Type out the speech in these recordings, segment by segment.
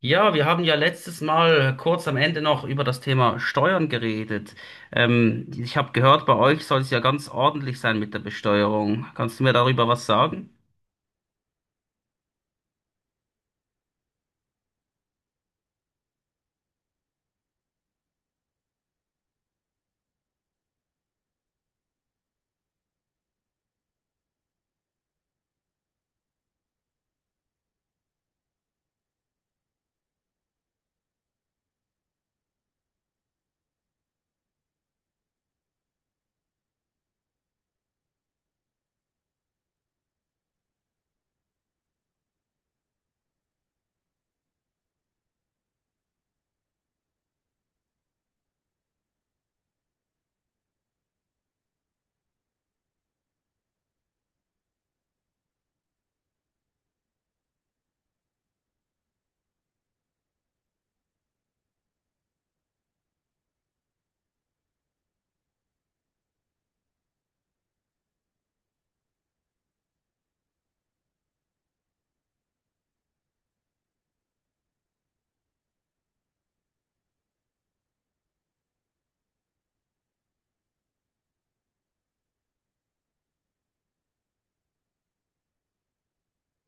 Ja, wir haben ja letztes Mal kurz am Ende noch über das Thema Steuern geredet. Ich habe gehört, bei euch soll es ja ganz ordentlich sein mit der Besteuerung. Kannst du mir darüber was sagen?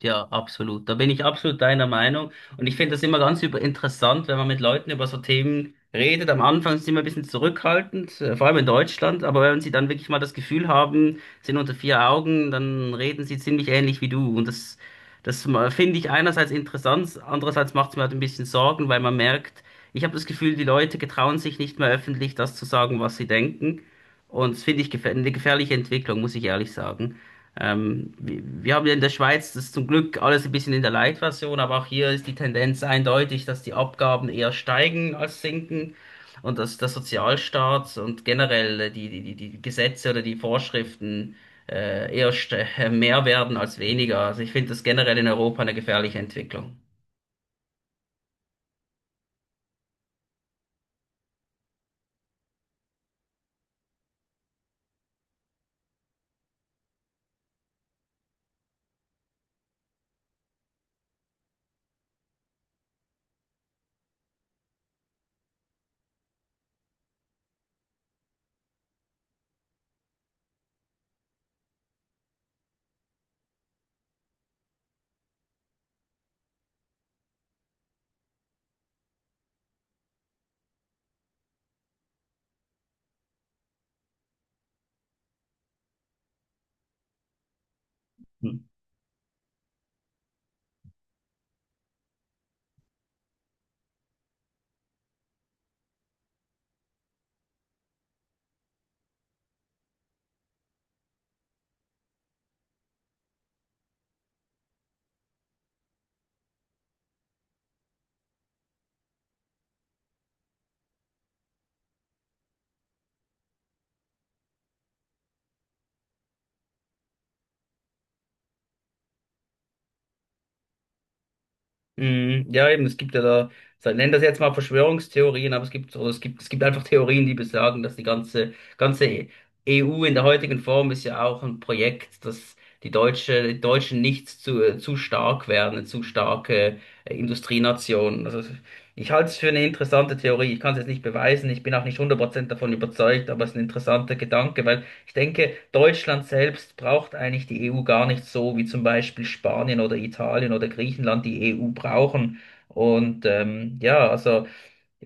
Ja, absolut. Da bin ich absolut deiner Meinung. Und ich finde das immer ganz über interessant, wenn man mit Leuten über so Themen redet. Am Anfang sind sie immer ein bisschen zurückhaltend, vor allem in Deutschland. Aber wenn sie dann wirklich mal das Gefühl haben, sind unter vier Augen, dann reden sie ziemlich ähnlich wie du. Und das finde ich einerseits interessant, andererseits macht es mir halt ein bisschen Sorgen, weil man merkt, ich habe das Gefühl, die Leute getrauen sich nicht mehr öffentlich, das zu sagen, was sie denken. Und das finde ich gefähr eine gefährliche Entwicklung, muss ich ehrlich sagen. Wir haben ja in der Schweiz das zum Glück alles ein bisschen in der Light-Version, aber auch hier ist die Tendenz eindeutig, dass die Abgaben eher steigen als sinken und dass der Sozialstaat und generell die Gesetze oder die Vorschriften eher mehr werden als weniger. Also ich finde das generell in Europa eine gefährliche Entwicklung. Mhm. Ja, eben, es gibt ja da, so, nennen das jetzt mal Verschwörungstheorien, aber es gibt, oder es gibt einfach Theorien, die besagen, dass die ganze EU in der heutigen Form ist ja auch ein Projekt, dass die Deutschen nicht zu stark werden, eine zu starke Industrienation. Also ich halte es für eine interessante Theorie. Ich kann es jetzt nicht beweisen, ich bin auch nicht 100% davon überzeugt, aber es ist ein interessanter Gedanke, weil ich denke, Deutschland selbst braucht eigentlich die EU gar nicht so, wie zum Beispiel Spanien oder Italien oder Griechenland die EU brauchen. Und ja, also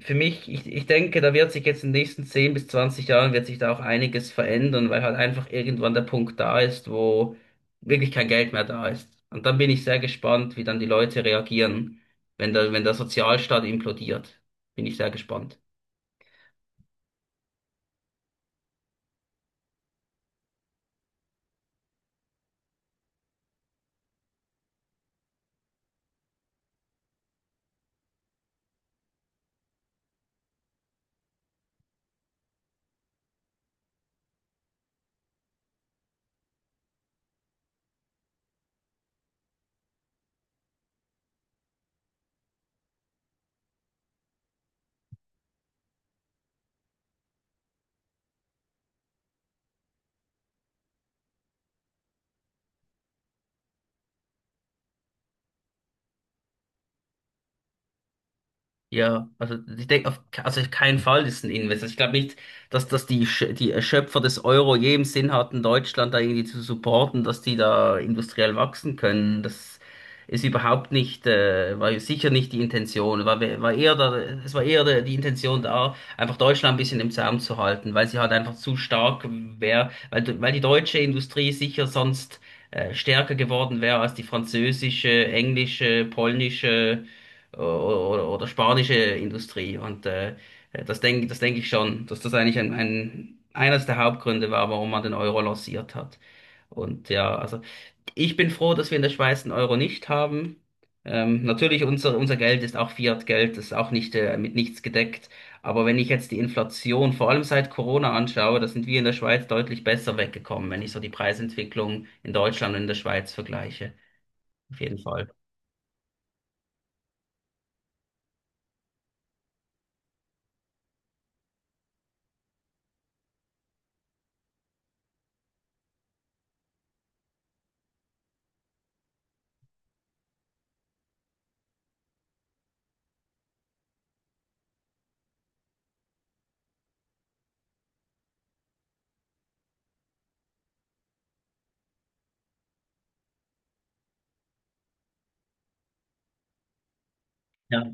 für mich, ich denke, da wird sich jetzt in den nächsten 10 bis 20 Jahren wird sich da auch einiges verändern, weil halt einfach irgendwann der Punkt da ist, wo wirklich kein Geld mehr da ist. Und dann bin ich sehr gespannt, wie dann die Leute reagieren, wenn der Sozialstaat implodiert. Bin ich sehr gespannt. Ja, also ich denke auf keinen Fall ist ein Investor. Ich glaube nicht, dass die Schöpfer des Euro je im Sinn hatten, Deutschland da irgendwie zu supporten, dass die da industriell wachsen können. Das ist überhaupt nicht, war ja sicher nicht die Intention. War eher da, es war eher die Intention da, einfach Deutschland ein bisschen im Zaum zu halten, weil sie halt einfach zu stark wäre, weil die deutsche Industrie sicher sonst stärker geworden wäre als die französische, englische, polnische spanische Industrie. Und das denk ich schon, dass das eigentlich eines der Hauptgründe war, warum man den Euro lanciert hat. Und ja, also ich bin froh, dass wir in der Schweiz den Euro nicht haben. Natürlich, unser Geld ist auch Fiat-Geld, das ist auch nicht mit nichts gedeckt. Aber wenn ich jetzt die Inflation, vor allem seit Corona anschaue, da sind wir in der Schweiz deutlich besser weggekommen, wenn ich so die Preisentwicklung in Deutschland und in der Schweiz vergleiche. Auf jeden Fall. Ja.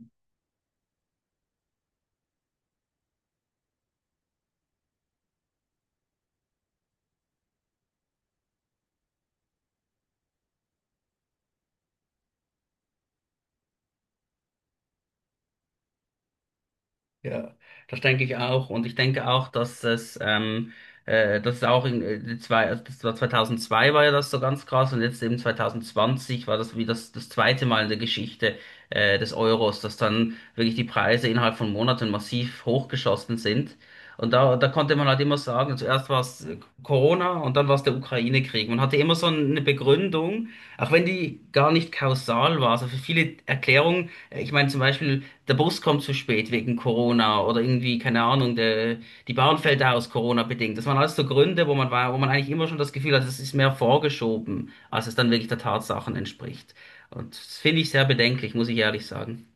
Ja, das denke ich auch. Und ich denke auch, dass das ist auch in, die zwei, also das war 2002 war ja das so ganz krass und jetzt eben 2020 war das wie das zweite Mal in der Geschichte, des Euros, dass dann wirklich die Preise innerhalb von Monaten massiv hochgeschossen sind. Und da konnte man halt immer sagen, zuerst war es Corona und dann war es der Ukraine-Krieg. Man hatte immer so eine Begründung, auch wenn die gar nicht kausal war. Also für viele Erklärungen, ich meine zum Beispiel, der Bus kommt zu spät wegen Corona oder irgendwie, keine Ahnung, die Bahn fällt aus Corona bedingt. Das waren alles so Gründe, wo man war, wo man eigentlich immer schon das Gefühl hat, es ist mehr vorgeschoben, als es dann wirklich der Tatsachen entspricht. Und das finde ich sehr bedenklich, muss ich ehrlich sagen.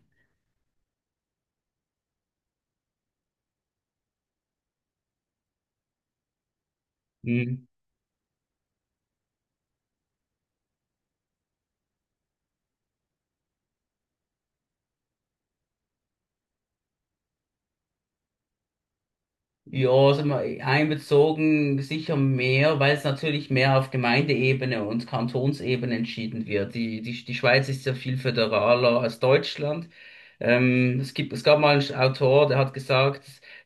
Ja, sind wir einbezogen, sicher mehr, weil es natürlich mehr auf Gemeindeebene und Kantonsebene entschieden wird. Die Schweiz ist ja viel föderaler als Deutschland. Es gab mal einen Autor, der hat gesagt,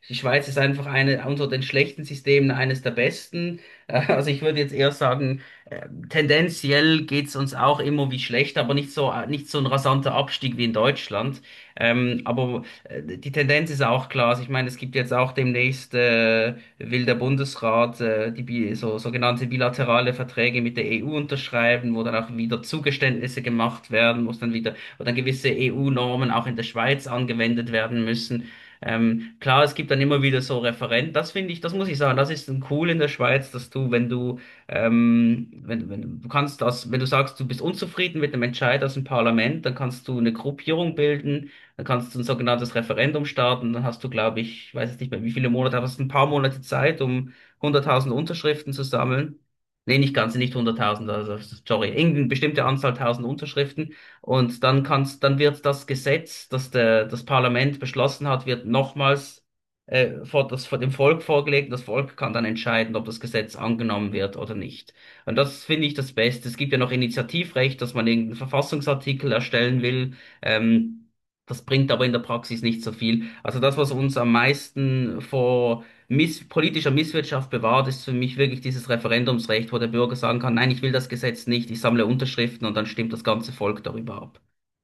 die Schweiz ist einfach eine, unter den schlechten Systemen eines der besten. Also ich würde jetzt eher sagen, äh, tendenziell geht's uns auch immer wie schlecht, aber nicht so, nicht so ein rasanter Abstieg wie in Deutschland. Aber die Tendenz ist auch klar. Also ich meine, es gibt jetzt auch demnächst, will der Bundesrat, die bi so sogenannte bilaterale Verträge mit der EU unterschreiben, wo dann auch wieder Zugeständnisse gemacht werden, wo dann gewisse EU-Normen auch in der Schweiz angewendet werden müssen. Klar, es gibt dann immer wieder so Referenten. Das finde ich, das muss ich sagen, das ist ein cool in der Schweiz, dass du wenn, wenn, du kannst das, wenn du sagst, du bist unzufrieden mit dem Entscheid aus dem Parlament, dann kannst du eine Gruppierung bilden, dann kannst du ein sogenanntes Referendum starten. Dann hast du, glaube ich, ich weiß jetzt nicht mehr, wie viele Monate, aber es sind ein paar Monate Zeit, um 100.000 Unterschriften zu sammeln. Nee, nicht ganz, nicht 100.000. Also sorry, irgendeine bestimmte Anzahl tausend Unterschriften. Und dann dann wird das Gesetz, das Parlament beschlossen hat, wird nochmals vor vor dem Volk vorgelegt. Das Volk kann dann entscheiden, ob das Gesetz angenommen wird oder nicht. Und das finde ich das Beste. Es gibt ja noch Initiativrecht, dass man irgendeinen Verfassungsartikel erstellen will. Ähm, Das bringt aber in der Praxis nicht so viel. Also das, was uns am meisten vor miss politischer Misswirtschaft bewahrt, ist für mich wirklich dieses Referendumsrecht, wo der Bürger sagen kann, nein, ich will das Gesetz nicht, ich sammle Unterschriften und dann stimmt das ganze Volk darüber ab.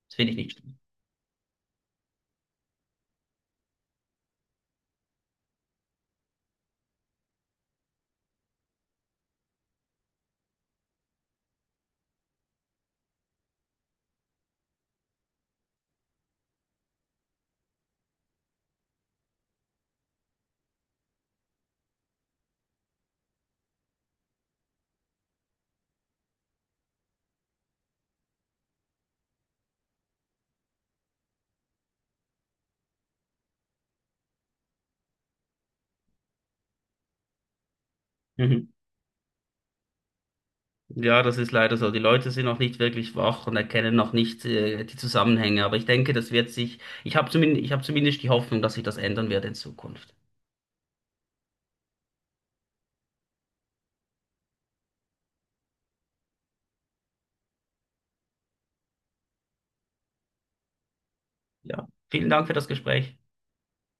Das finde ich nicht schlimm. Mhm. Ja, das ist leider so. Die Leute sind noch nicht wirklich wach und erkennen noch nicht die Zusammenhänge. Aber ich denke, das wird sich, ich habe zumindest die Hoffnung, dass sich das ändern wird in Zukunft. Ja, vielen Dank für das Gespräch.